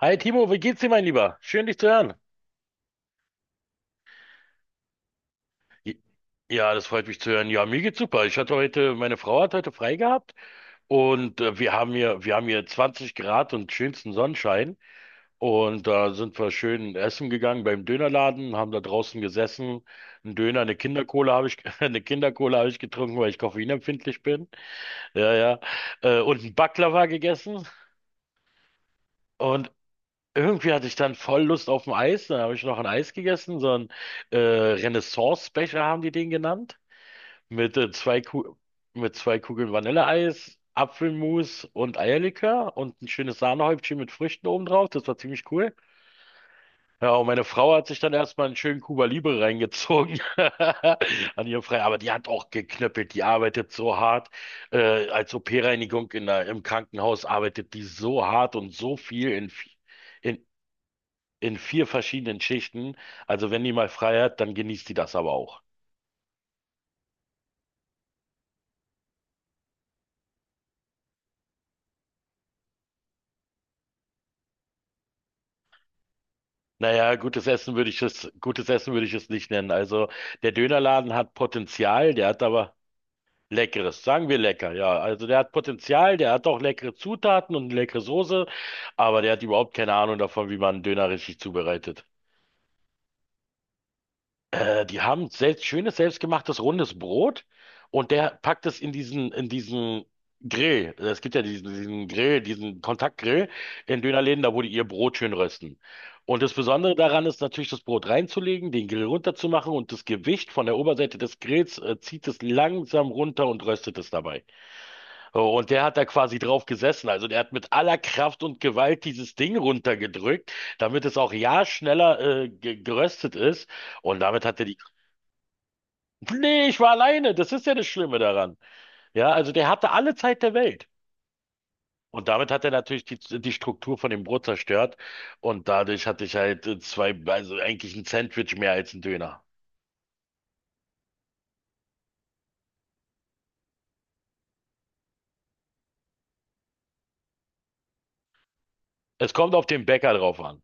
Hi Timo, wie geht's dir, mein Lieber? Schön, dich zu hören. J- Ja, das freut mich zu hören. Ja, mir geht's super. Ich hatte heute, meine Frau hat heute frei gehabt und wir haben hier 20 Grad und schönsten Sonnenschein. Und da sind wir schön essen gegangen beim Dönerladen, haben da draußen gesessen. Ein Döner, eine Kindercola habe ich, eine Kindercola habe ich getrunken, weil ich koffeinempfindlich bin. Ja, ja. Und ein Baklava gegessen. Und Irgendwie hatte ich dann voll Lust auf ein Eis, dann habe ich noch ein Eis gegessen, so ein Renaissance-Becher haben die den genannt, mit, zwei Ku mit zwei Kugeln Vanilleeis, Apfelmus und Eierlikör und ein schönes Sahnehäubchen mit Früchten oben drauf, das war ziemlich cool. Ja, und meine Frau hat sich dann erstmal einen schönen Cuba Libre reingezogen an ihrem Freitag, aber die hat auch geknöppelt, die arbeitet so hart. Als OP-Reinigung im Krankenhaus arbeitet die so hart und so viel in vier verschiedenen Schichten. Also wenn die mal frei hat, dann genießt die das aber auch. Naja, gutes Essen würde ich es nicht nennen. Also der Dönerladen hat Potenzial, der hat aber... Leckeres, sagen wir lecker, ja. Also der hat Potenzial, der hat auch leckere Zutaten und leckere Soße, aber der hat überhaupt keine Ahnung davon, wie man einen Döner richtig zubereitet. Die haben selbst schönes selbstgemachtes rundes Brot und der packt es in diesen Grill. Es gibt ja diesen Grill, diesen Kontaktgrill in Dönerläden, da wo die ihr Brot schön rösten. Und das Besondere daran ist natürlich, das Brot reinzulegen, den Grill runterzumachen und das Gewicht von der Oberseite des Grills zieht es langsam runter und röstet es dabei. So. Und der hat da quasi drauf gesessen. Also der hat mit aller Kraft und Gewalt dieses Ding runtergedrückt, damit es auch ja schneller ge geröstet ist. Und damit hat er die... Nee, ich war alleine. Das ist ja das Schlimme daran. Ja, also der hatte alle Zeit der Welt. Und damit hat er natürlich die Struktur von dem Brot zerstört. Und dadurch hatte ich halt zwei, also eigentlich ein Sandwich mehr als ein Döner. Es kommt auf den Bäcker drauf an.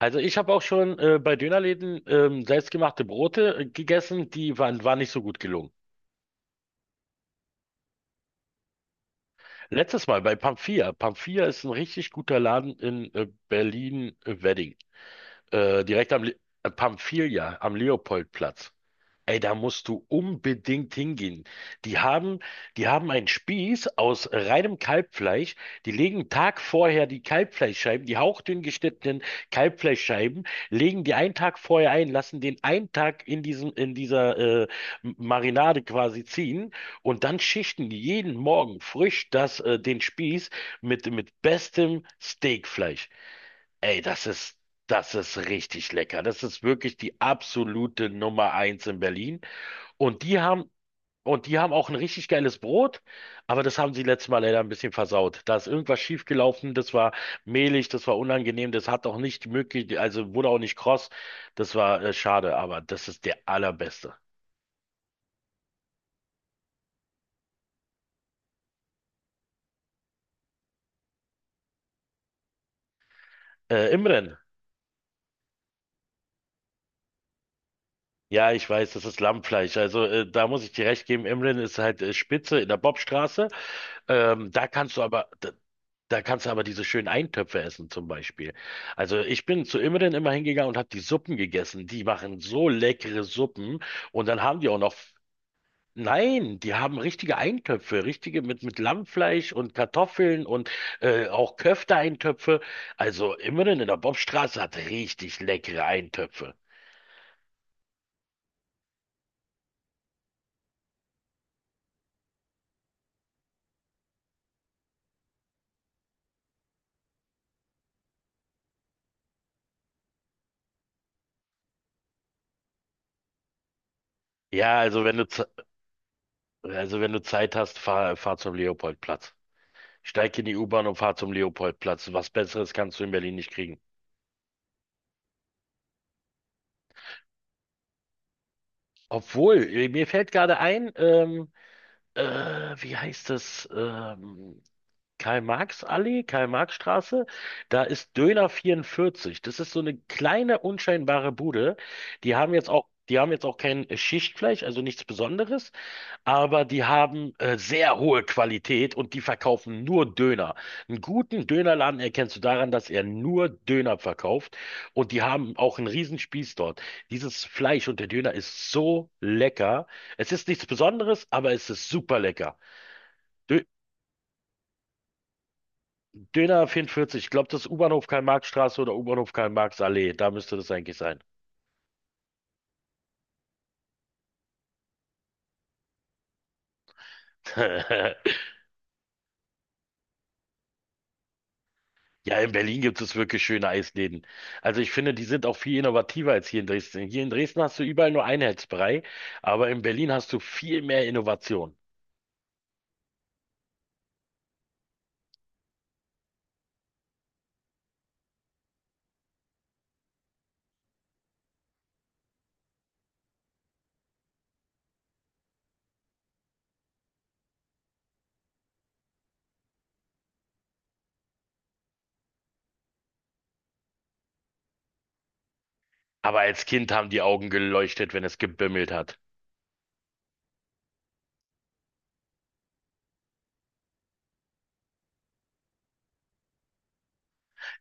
Also ich habe auch schon bei Dönerläden selbstgemachte Brote gegessen, die waren nicht so gut gelungen. Letztes Mal bei Pamphia. Pamphia ist ein richtig guter Laden in Berlin-Wedding. Direkt am Le Pamphilia, am Leopoldplatz. Ey, da musst du unbedingt hingehen. Die haben, die haben einen Spieß aus reinem Kalbfleisch. Die legen einen Tag vorher die Kalbfleischscheiben, die hauchdünn geschnittenen Kalbfleischscheiben, legen die einen Tag vorher ein, lassen den einen Tag in in dieser äh, Marinade quasi ziehen und dann schichten die jeden Morgen frisch den Spieß mit bestem Steakfleisch. Ey, das ist Das ist richtig lecker. Das ist wirklich die absolute Nummer eins in Berlin. Und die haben, und die haben auch ein richtig geiles Brot, aber das haben sie letztes Mal leider ein bisschen versaut. Da ist irgendwas schiefgelaufen, das war mehlig, das war unangenehm, das hat auch nicht möglich, also wurde auch nicht kross. Das war schade, aber das ist der allerbeste. Imren. Ja, ich weiß, das ist Lammfleisch. Also da muss ich dir recht geben, Imren ist halt Spitze in der Bobstraße. Ähm, da kannst du aber, Da kannst du aber diese schönen Eintöpfe essen zum Beispiel. Also ich bin zu Imren immer hingegangen und habe die Suppen gegessen. Die machen so leckere Suppen und dann haben die auch noch... Nein, die haben richtige Eintöpfe, richtige mit Lammfleisch und Kartoffeln und auch Köfte-Eintöpfe. Also Imren in der Bobstraße hat richtig leckere Eintöpfe. Ja, also wenn du Ze- also wenn du Zeit hast, fahr zum Leopoldplatz. Steig in die U-Bahn und fahr zum Leopoldplatz. Was Besseres kannst du in Berlin nicht kriegen. Obwohl, mir fällt gerade ein, äh, wie heißt das? Karl-Marx-Allee, Karl-Marx-Straße, da ist Döner 44. Das ist so eine kleine, unscheinbare Bude. Die haben jetzt auch kein Schichtfleisch, also nichts Besonderes, aber die haben sehr hohe Qualität und die verkaufen nur Döner. Einen guten Dönerladen erkennst du daran, dass er nur Döner verkauft und die haben auch einen Riesenspieß dort. Dieses Fleisch und der Döner ist so lecker. Es ist nichts Besonderes, aber es ist super lecker. Dö Döner 44, ich glaube, das ist U-Bahnhof Karl-Marx-Straße oder U-Bahnhof Karl-Marx-Allee. Da müsste das eigentlich sein. Ja, in Berlin gibt es wirklich schöne Eisläden. Also ich finde, die sind auch viel innovativer als hier in Dresden. Hier in Dresden hast du überall nur Einheitsbrei, aber in Berlin hast du viel mehr Innovation. Aber als Kind haben die Augen geleuchtet, wenn es gebimmelt hat.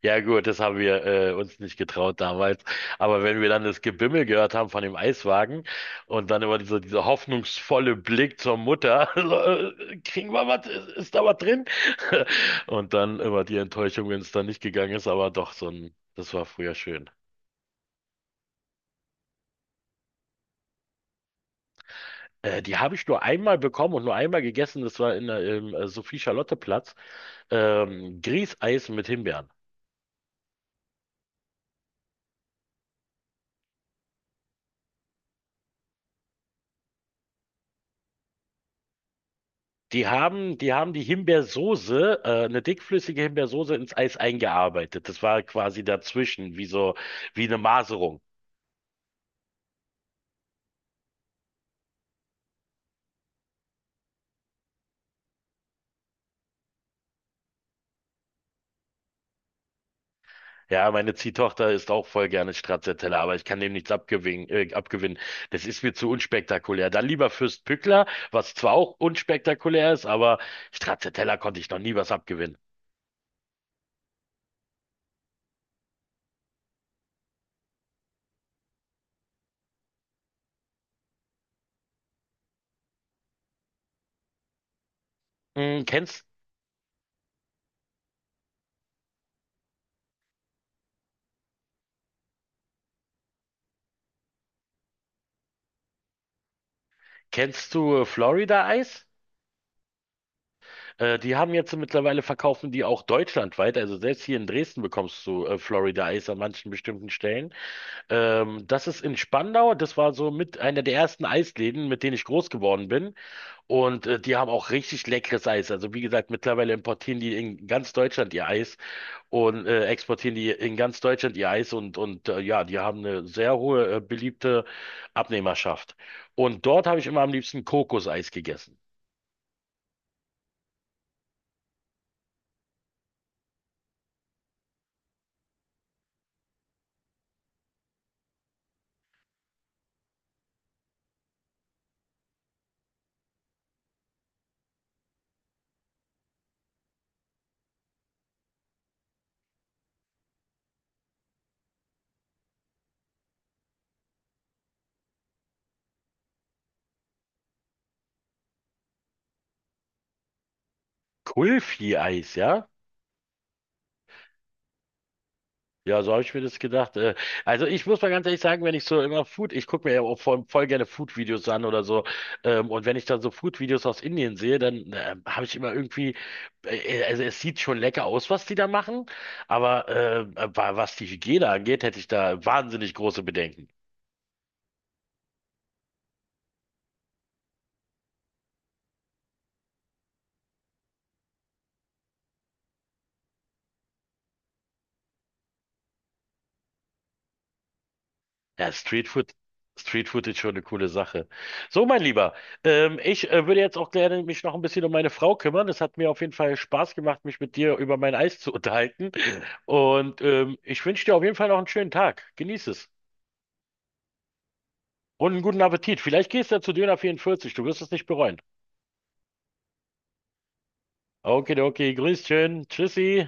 Ja gut, das haben wir uns nicht getraut damals. Aber wenn wir dann das Gebimmel gehört haben von dem Eiswagen und dann immer dieser hoffnungsvolle Blick zur Mutter, so, kriegen wir was, ist da was drin? Und dann immer die Enttäuschung, wenn es dann nicht gegangen ist, aber doch so ein, das war früher schön. Die habe ich nur einmal bekommen und nur einmal gegessen, das war in der, im Sophie-Charlotte-Platz, Grießeis mit Himbeeren. Die haben die Himbeersoße, eine dickflüssige Himbeersoße ins Eis eingearbeitet. Das war quasi dazwischen, wie so, wie eine Maserung. Ja, meine Ziehtochter isst auch voll gerne Stracciatella, aber ich kann dem nichts abgewinnen, abgewinnen. Das ist mir zu unspektakulär. Dann lieber Fürst Pückler, was zwar auch unspektakulär ist, aber Stracciatella konnte ich noch nie was abgewinnen. Mm, kennst, kennst du Florida-Eis? Die haben jetzt mittlerweile verkaufen die auch deutschlandweit. Also selbst hier in Dresden bekommst du Florida Eis an manchen bestimmten Stellen. Das ist in Spandau. Das war so mit einer der ersten Eisläden, mit denen ich groß geworden bin. Und die haben auch richtig leckeres Eis. Also wie gesagt, mittlerweile importieren die in ganz Deutschland ihr Eis und exportieren die in ganz Deutschland ihr Eis. Ja, die haben eine sehr hohe beliebte Abnehmerschaft. Und dort habe ich immer am liebsten Kokoseis gegessen. Kulfi-Eis, ja? Ja, so habe ich mir das gedacht. Also ich muss mal ganz ehrlich sagen, wenn ich so immer Food, ich gucke mir ja auch voll gerne Food-Videos an oder so. Und wenn ich dann so Food-Videos aus Indien sehe, dann habe ich immer irgendwie, also es sieht schon lecker aus, was die da machen, aber was die Hygiene angeht, hätte ich da wahnsinnig große Bedenken. Ja, Streetfood, Streetfood ist schon eine coole Sache. So, mein Lieber, ich würde jetzt auch gerne mich noch ein bisschen um meine Frau kümmern. Es hat mir auf jeden Fall Spaß gemacht, mich mit dir über mein Eis zu unterhalten. Und ich wünsche dir auf jeden Fall noch einen schönen Tag. Genieß es. Und einen guten Appetit. Vielleicht gehst du ja zu Döner 44. Du wirst es nicht bereuen. Okay, okay. Grüß schön. Tschüssi.